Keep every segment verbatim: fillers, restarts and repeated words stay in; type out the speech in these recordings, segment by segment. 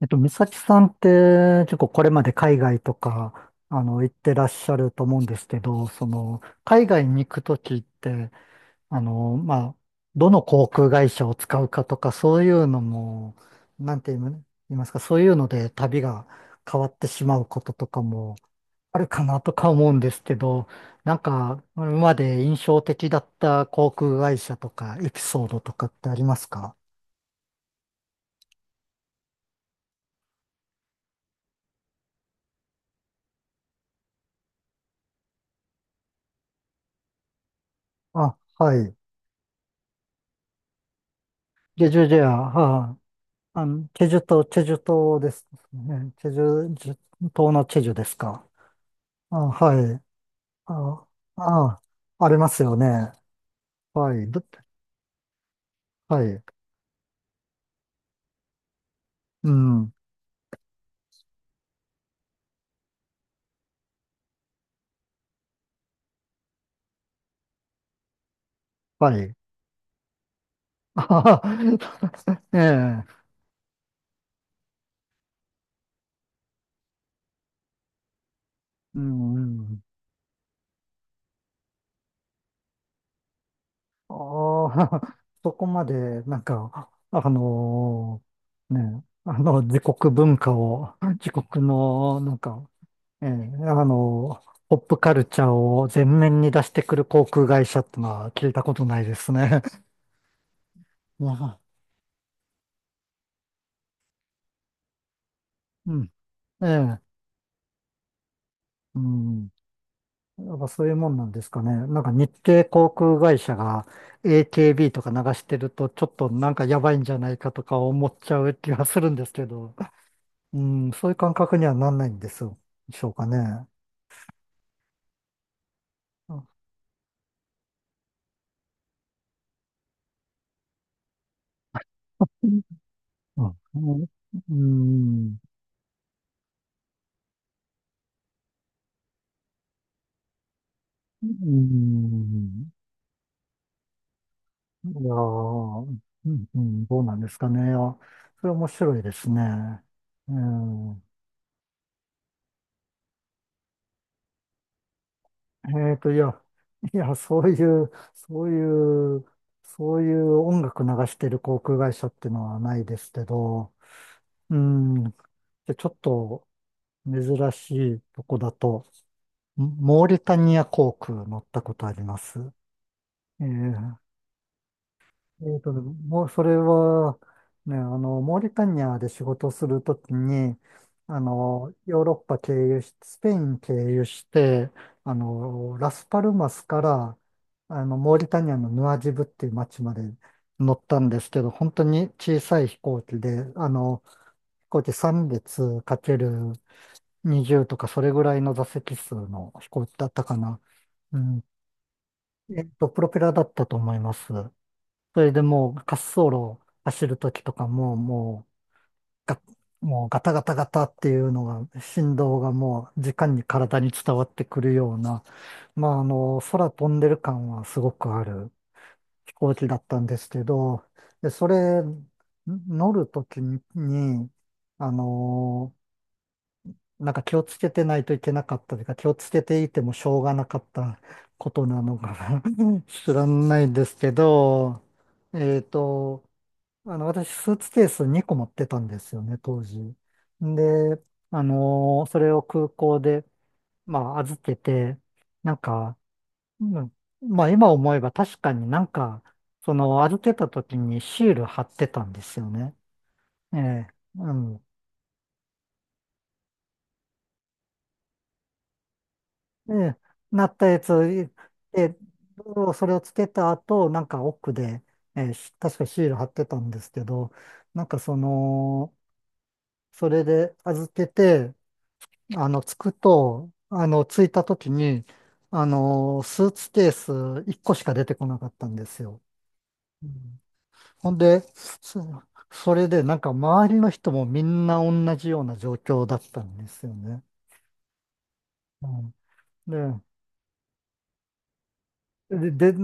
えっと、美咲さんって結構これまで海外とか、あの、行ってらっしゃると思うんですけど、その、海外に行くときって、あの、まあ、どの航空会社を使うかとか、そういうのも、なんて言いま言いますか、そういうので旅が変わってしまうこととかもあるかなとか思うんですけど、なんか、今まで印象的だった航空会社とか、エピソードとかってありますか？あ、はい。で、じゃあ、じゃあ、あの、チェジュ島、チェジュ島ですね。チェジュ、ジュ島のチェジュですか？あ、はい。あ、あ、ありますよね。はい。どはい。うん。はい。あははええ。うん。うん。ああ、そこまで、なんか、あのね、あの、自国文化を、自国の、なんか、ええ、あの、ポップカルチャーを前面に出してくる航空会社ってのは聞いたことないですね。まあうん。ええ、うん。やっぱそういうもんなんですかね。なんか日系航空会社が エーケービー とか流してるとちょっとなんかやばいんじゃないかとか思っちゃう気がするんですけど、うん、そういう感覚にはなんないんですよ。でしょうかね。うん。うん。うん。うん。いやー、うん、うん、どうなんですかね。あ、それ面白いですね。うん、えっと、いや、いや、そういう、そういう、そういう音楽流してる航空会社っていうのはないですけど、うん、で、ちょっと珍しいとこだと、モーリタニア航空乗ったことあります。ええ、えっとね、もうそれは、ね、あの、モーリタニアで仕事するときに、あの、ヨーロッパ経由し、スペイン経由して、あの、ラスパルマスから、あの、モーリタニアのヌアジブっていう町まで乗ったんですけど、本当に小さい飛行機で、あの、飛行機さん列かけるにじゅうとかそれぐらいの座席数の飛行機だったかな。うん。えっと、プロペラだったと思います。それでもう滑走路を走るときとかも、もうガ、もうガタガタガタっていうのが、振動がもう時間に体に伝わってくるような、まああの、空飛んでる感はすごくある飛行機だったんですけど、で、それ、乗るときに、にあの、なんか気をつけてないといけなかったというか、気をつけていてもしょうがなかったことなのかな 知らないんですけど、えっと、あの、私、スーツケースにこ持ってたんですよね、当時。で、あのーそれを空港で、まあ、預けて、なんか、うん、まあ、今思えば確かになんか、その、預けた時にシール貼ってたんですよね。ええ、うん。で、なったやつ、で、それをつけた後、なんか奥で、ええ、し確かシール貼ってたんですけど、なんかその、それで預けて、あの、つくと、あの、着いた時に、あの、スーツケースいっこしか出てこなかったんですよ。うん、ほんで、そ、それでなんか周りの人もみんな同じような状況だったんですよね。うん、で、で、で、で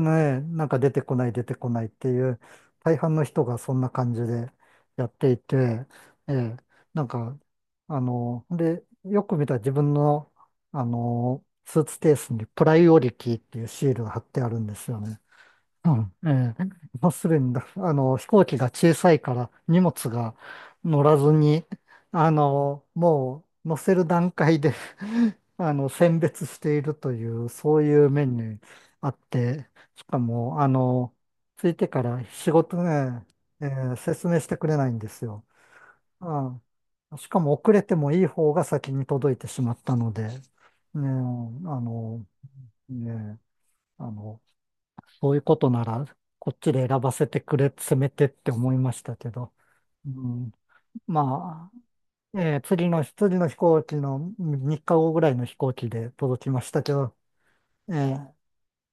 ね、なんか出てこない出てこないっていう、大半の人がそんな感じでやっていて、ええ、なんか、あの、で、よく見たら自分の、あの、スーツケースにプライオリティっていうシールが貼ってあるんですよね。うんええ、もうすでにだ、あの、飛行機が小さいから荷物が乗らずに、あの、もう乗せる段階で あの、選別しているという、そういう面にあって、しかも、あの、着いてから仕事ね、ええ説明してくれないんですよ。うん、しかも遅れてもいい方が先に届いてしまったので、ねえ、あの、ねえ、あの、そういうことなら、こっちで選ばせてくれ、せめてって思いましたけど。うん、まあ、えー次の、次の飛行機のみっかごぐらいの飛行機で届きましたけど、えー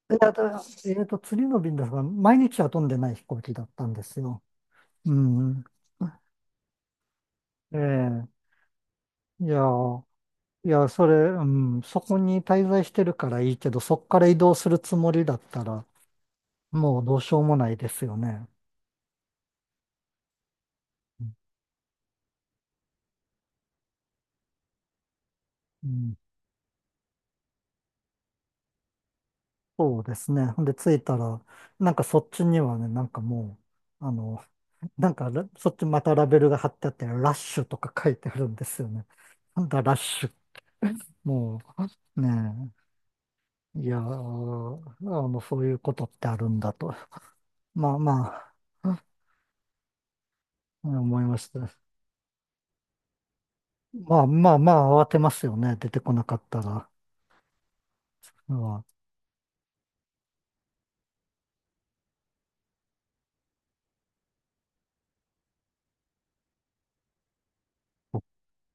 であとえーと、次の便ですが、毎日は飛んでない飛行機だったんですよ。うん。えーいやー、いや、それ、うん、そこに滞在してるからいいけど、そこから移動するつもりだったら、もうどうしようもないですよね。うんそうですね。ほんで、着いたら、なんかそっちにはね、なんかもう、あの、なんかラそっちまたラベルが貼ってあって、ラッシュとか書いてあるんですよね。なんだラッシュ。もう、ねえ。いやー、あの、そういうことってあるんだと。まあまあ、うん思いました。まあまあまあ、慌てますよね。出てこなかったら。うん、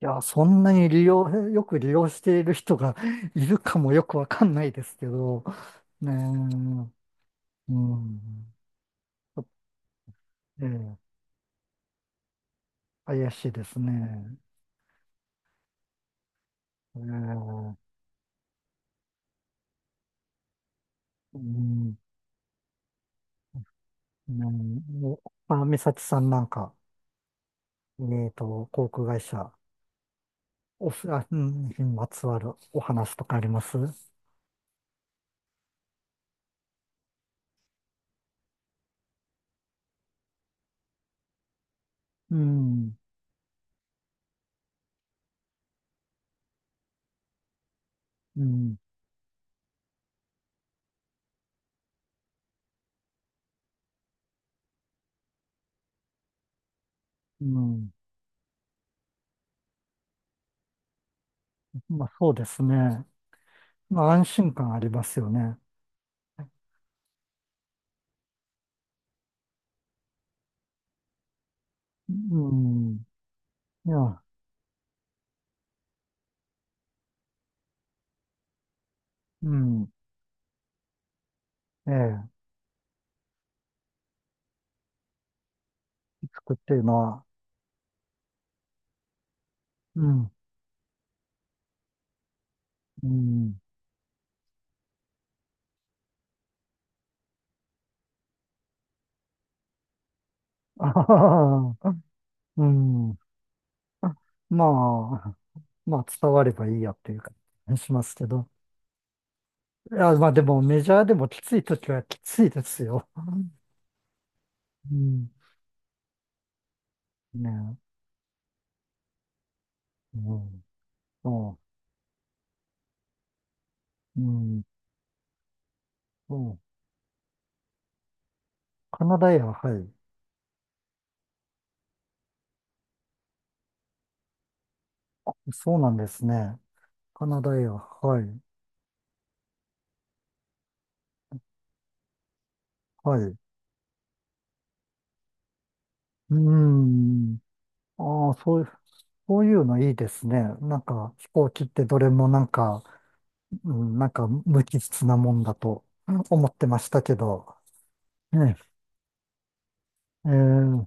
いや、そんなに利用、よく利用している人が いるかもよくわかんないですけど、ねえ。うん。ちょっとええ、怪しいですね。ええ、うん、うんおまあ、美咲さんなんか、えっと、航空会社、おす、あ、うん、にまつわるお話とかありますう？ん、うん、うん。まあ、そうですね。まあ、安心感ありますよね。うん、いや、うん、ええ、作っていうのは、うん、うん、あははは、うん、まあ、まあ伝わればいいやっていう感じしますけど。いや、まあでもメジャーでもきつい時はきついですよ。うん。ねえ。うん。そう。うん。そう。カナダエア、はい。そうなんですね。カナダエア、はい。はい。うん。ああ、そういう、そういうのいいですね。なんか飛行機ってどれもなんか、うん、なんか無機質なもんだと思ってましたけど。ねえ。えー、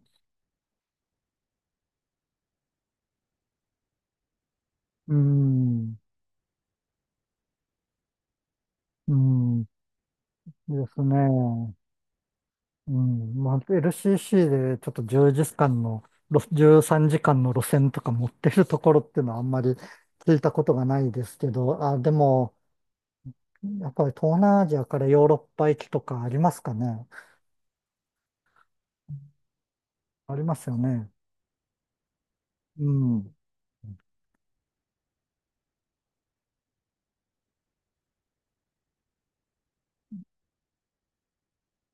うん。うん。ですね。うん。まあ、エルシーシー でちょっと1時間の、ろじゅうさんじかんの路線とか持ってるところっていうのはあんまり聞いたことがないですけど、あ、でも、やっぱり東南アジアからヨーロッパ行きとかありますかね。ありますよね。うん。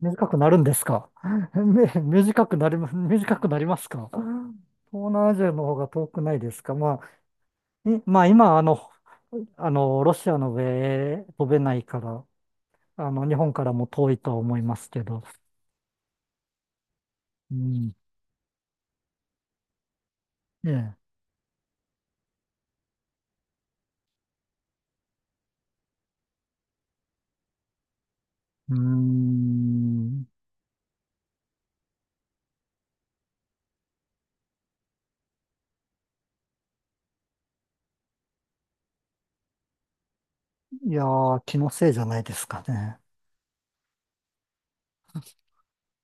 短くなるんですか？ め短くなりま、短くなりますか？東南アジアの方が遠くないですか？まあ、いまあ今、あの、あの、ロシアの上へ飛べないから、あの、日本からも遠いとは思いますけど。うん。ええ。うーん。いやー、気のせいじゃないですかね。